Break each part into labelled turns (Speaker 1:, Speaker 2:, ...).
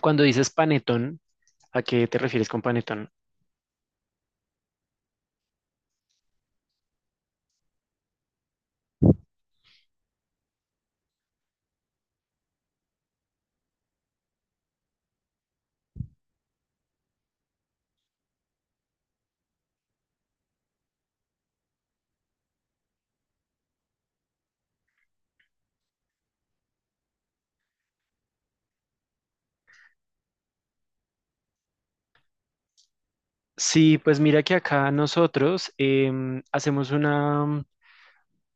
Speaker 1: Cuando dices panetón, ¿a qué te refieres con panetón? Sí, pues mira que acá nosotros hacemos una,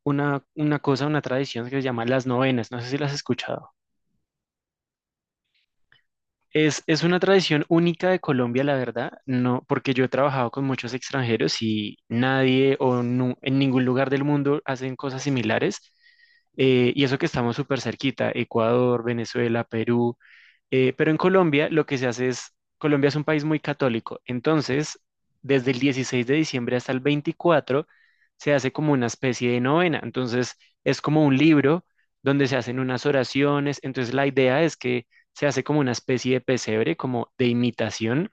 Speaker 1: una, una cosa, una tradición que se llama las novenas. No sé si las has escuchado. Es una tradición única de Colombia, la verdad, no, porque yo he trabajado con muchos extranjeros y nadie o en ningún lugar del mundo hacen cosas similares. Y eso que estamos súper cerquita, Ecuador, Venezuela, Perú. Pero en Colombia lo que se hace es, Colombia es un país muy católico, entonces desde el 16 de diciembre hasta el 24 se hace como una especie de novena. Entonces es como un libro donde se hacen unas oraciones, entonces la idea es que se hace como una especie de pesebre, como de imitación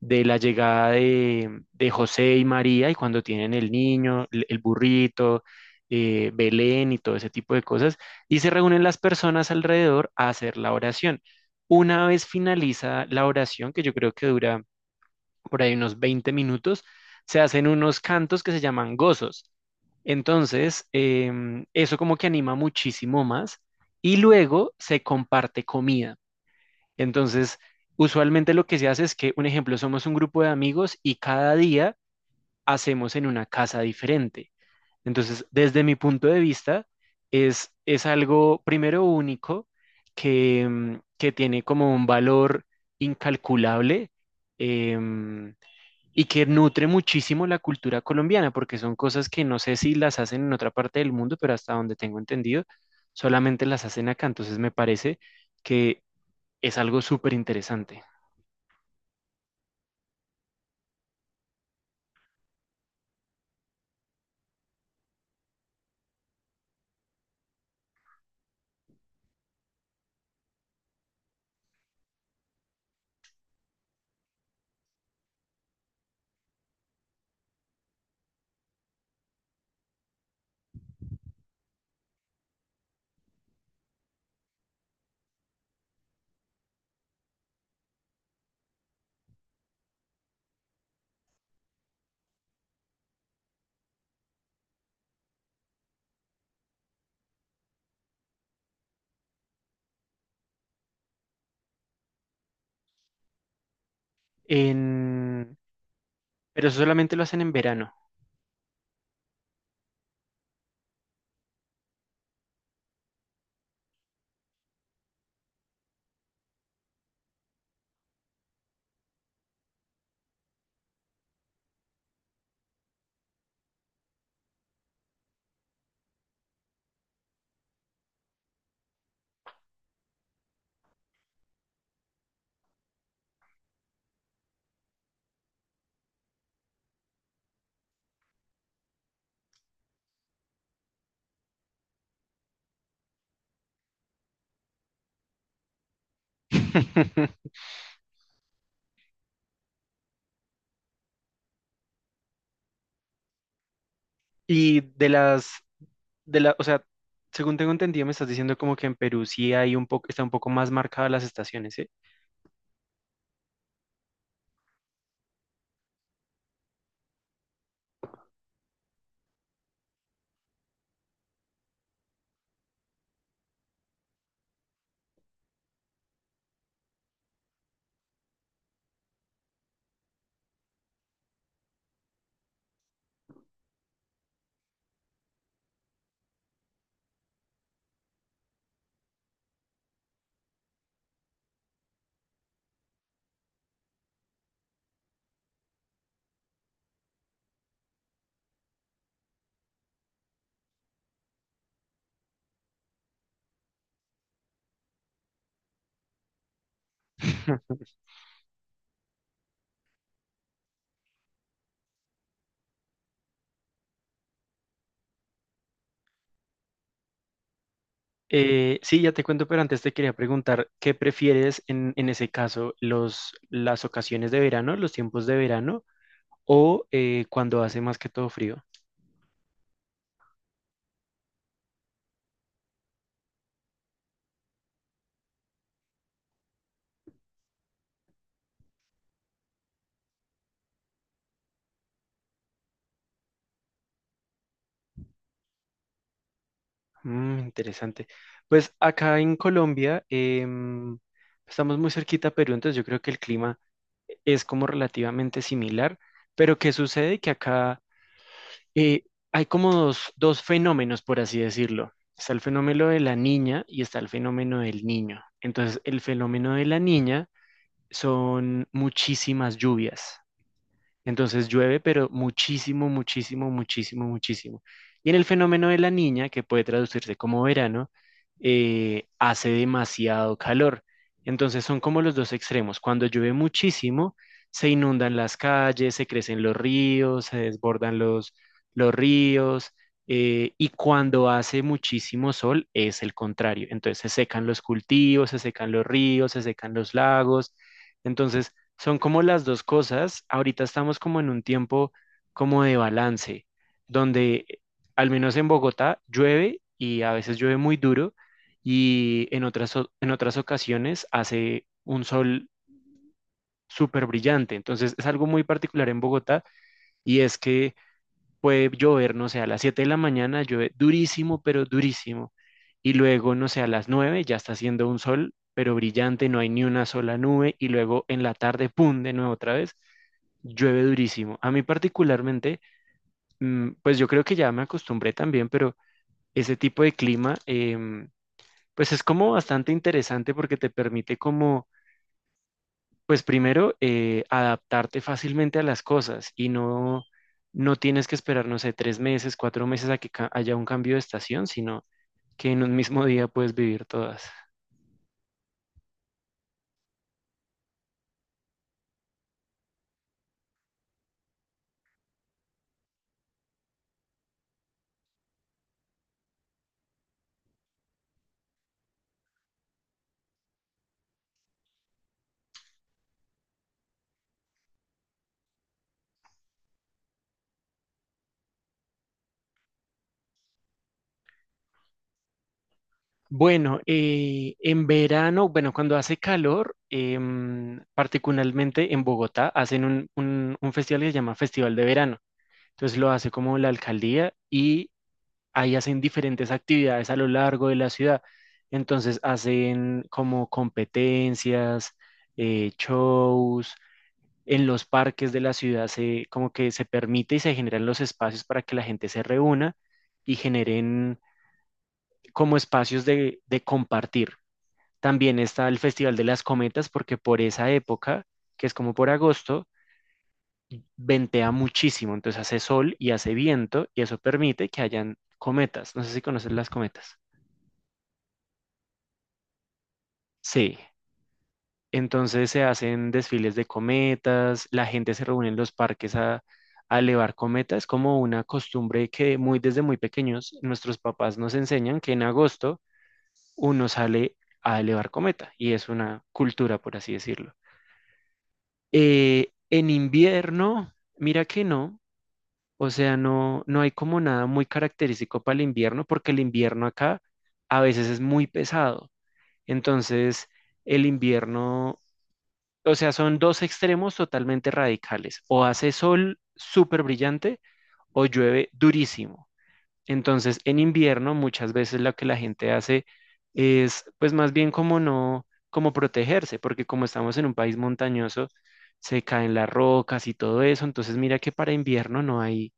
Speaker 1: de la llegada de José y María, y cuando tienen el niño, el burrito, Belén y todo ese tipo de cosas, y se reúnen las personas alrededor a hacer la oración. Una vez finaliza la oración, que yo creo que dura por ahí unos 20 minutos, se hacen unos cantos que se llaman gozos. Entonces, eso como que anima muchísimo más. Y luego se comparte comida. Entonces, usualmente lo que se hace es que, un ejemplo, somos un grupo de amigos y cada día hacemos en una casa diferente. Entonces, desde mi punto de vista, es algo primero único que que tiene como un valor incalculable, em, y que nutre muchísimo la cultura colombiana, porque son cosas que no sé si las hacen en otra parte del mundo, pero hasta donde tengo entendido, solamente las hacen acá. Entonces, me parece que es algo súper interesante. en- ¿Pero eso solamente lo hacen en verano? Y de las, de la, o sea, según tengo entendido, me estás diciendo como que en Perú sí hay un poco, está un poco más marcadas las estaciones, ¿eh? Sí, ya te cuento, pero antes te quería preguntar, ¿qué prefieres en ese caso, los, las ocasiones de verano, los tiempos de verano o cuando hace más que todo frío? Mm, interesante. Pues acá en Colombia, estamos muy cerquita a Perú, entonces yo creo que el clima es como relativamente similar, pero ¿qué sucede? Que acá eh, hay como dos fenómenos, por así decirlo. Está el fenómeno de la niña y está el fenómeno del niño. Entonces, el fenómeno de la niña son muchísimas lluvias. Entonces llueve, pero muchísimo, muchísimo, muchísimo, muchísimo. Y en el fenómeno de la niña, que puede traducirse como verano, hace demasiado calor. Entonces son como los dos extremos. Cuando llueve muchísimo, se inundan las calles, se crecen los ríos, se desbordan los ríos. Y cuando hace muchísimo sol, es el contrario. Entonces se secan los cultivos, se secan los ríos, se secan los lagos. Entonces, son como las dos cosas. Ahorita estamos como en un tiempo como de balance, donde al menos en Bogotá llueve y a veces llueve muy duro y en otras, en otras ocasiones hace un sol súper brillante. Entonces es algo muy particular en Bogotá, y es que puede llover, no sé, a las 7 de la mañana llueve durísimo, pero durísimo. Y luego, no sé, a las 9 ya está haciendo un sol, pero brillante, no hay ni una sola nube. Y luego en la tarde, ¡pum!, de nuevo otra vez, llueve durísimo. A mí particularmente, pues yo creo que ya me acostumbré también, pero ese tipo de clima, pues es como bastante interesante porque te permite como pues primero, adaptarte fácilmente a las cosas, y no, no tienes que esperar, no sé, tres meses, cuatro meses a que haya un cambio de estación, sino que en un mismo día puedes vivir todas. Bueno, en verano, bueno, cuando hace calor, particularmente en Bogotá, hacen un, un festival que se llama Festival de Verano. Entonces lo hace como la alcaldía, y ahí hacen diferentes actividades a lo largo de la ciudad. Entonces hacen como competencias, shows, en los parques de la ciudad se, como que se permite y se generan los espacios para que la gente se reúna y generen como espacios de compartir. También está el Festival de las Cometas, porque por esa época, que es como por agosto, ventea muchísimo, entonces hace sol y hace viento y eso permite que hayan cometas. No sé si conoces las cometas. Sí. Entonces se hacen desfiles de cometas, la gente se reúne en los parques a elevar cometas, es como una costumbre que muy desde muy pequeños nuestros papás nos enseñan que en agosto uno sale a elevar cometa y es una cultura, por así decirlo. En invierno, mira que no, o sea, no, no hay como nada muy característico para el invierno, porque el invierno acá a veces es muy pesado. Entonces, el invierno, o sea, son dos extremos totalmente radicales. O hace sol súper brillante o llueve durísimo. Entonces, en invierno muchas veces lo que la gente hace es, pues más bien como no, como protegerse, porque como estamos en un país montañoso, se caen las rocas y todo eso. Entonces, mira que para invierno no hay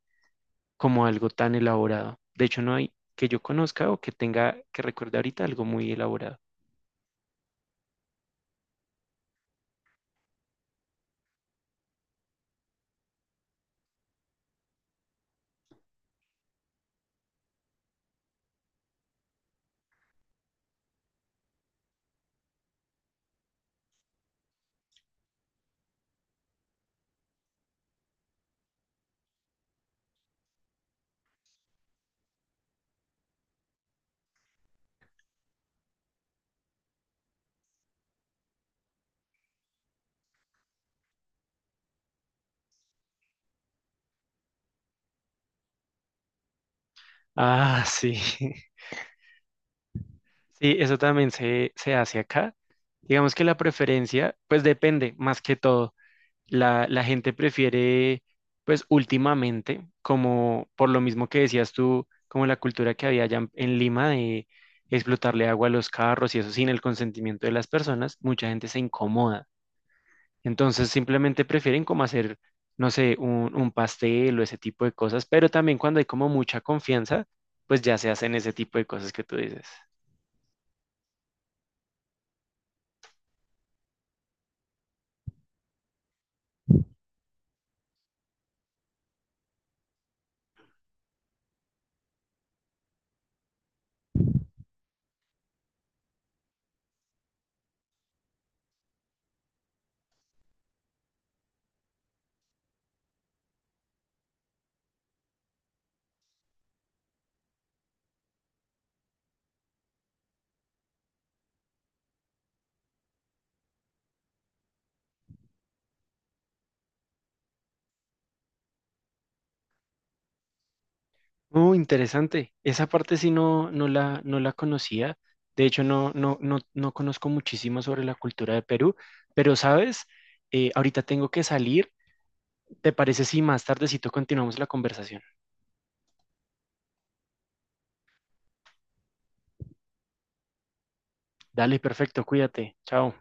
Speaker 1: como algo tan elaborado. De hecho, no hay que yo conozca o que tenga, que recuerde ahorita algo muy elaborado. Ah, sí. Sí, eso también se hace acá. Digamos que la preferencia, pues depende, más que todo. La gente prefiere, pues últimamente, como por lo mismo que decías tú, como la cultura que había allá en Lima de explotarle agua a los carros y eso sin el consentimiento de las personas, mucha gente se incomoda. Entonces simplemente prefieren como hacer, no sé, un, pastel o ese tipo de cosas, pero también cuando hay como mucha confianza, pues ya se hacen ese tipo de cosas que tú dices. Oh, interesante. Esa parte sí no, no la, no la conocía. De hecho, no, no, no, no conozco muchísimo sobre la cultura de Perú, pero sabes, eh, ahorita tengo que salir. ¿Te parece si más tardecito continuamos la conversación? Dale, perfecto, cuídate. Chao.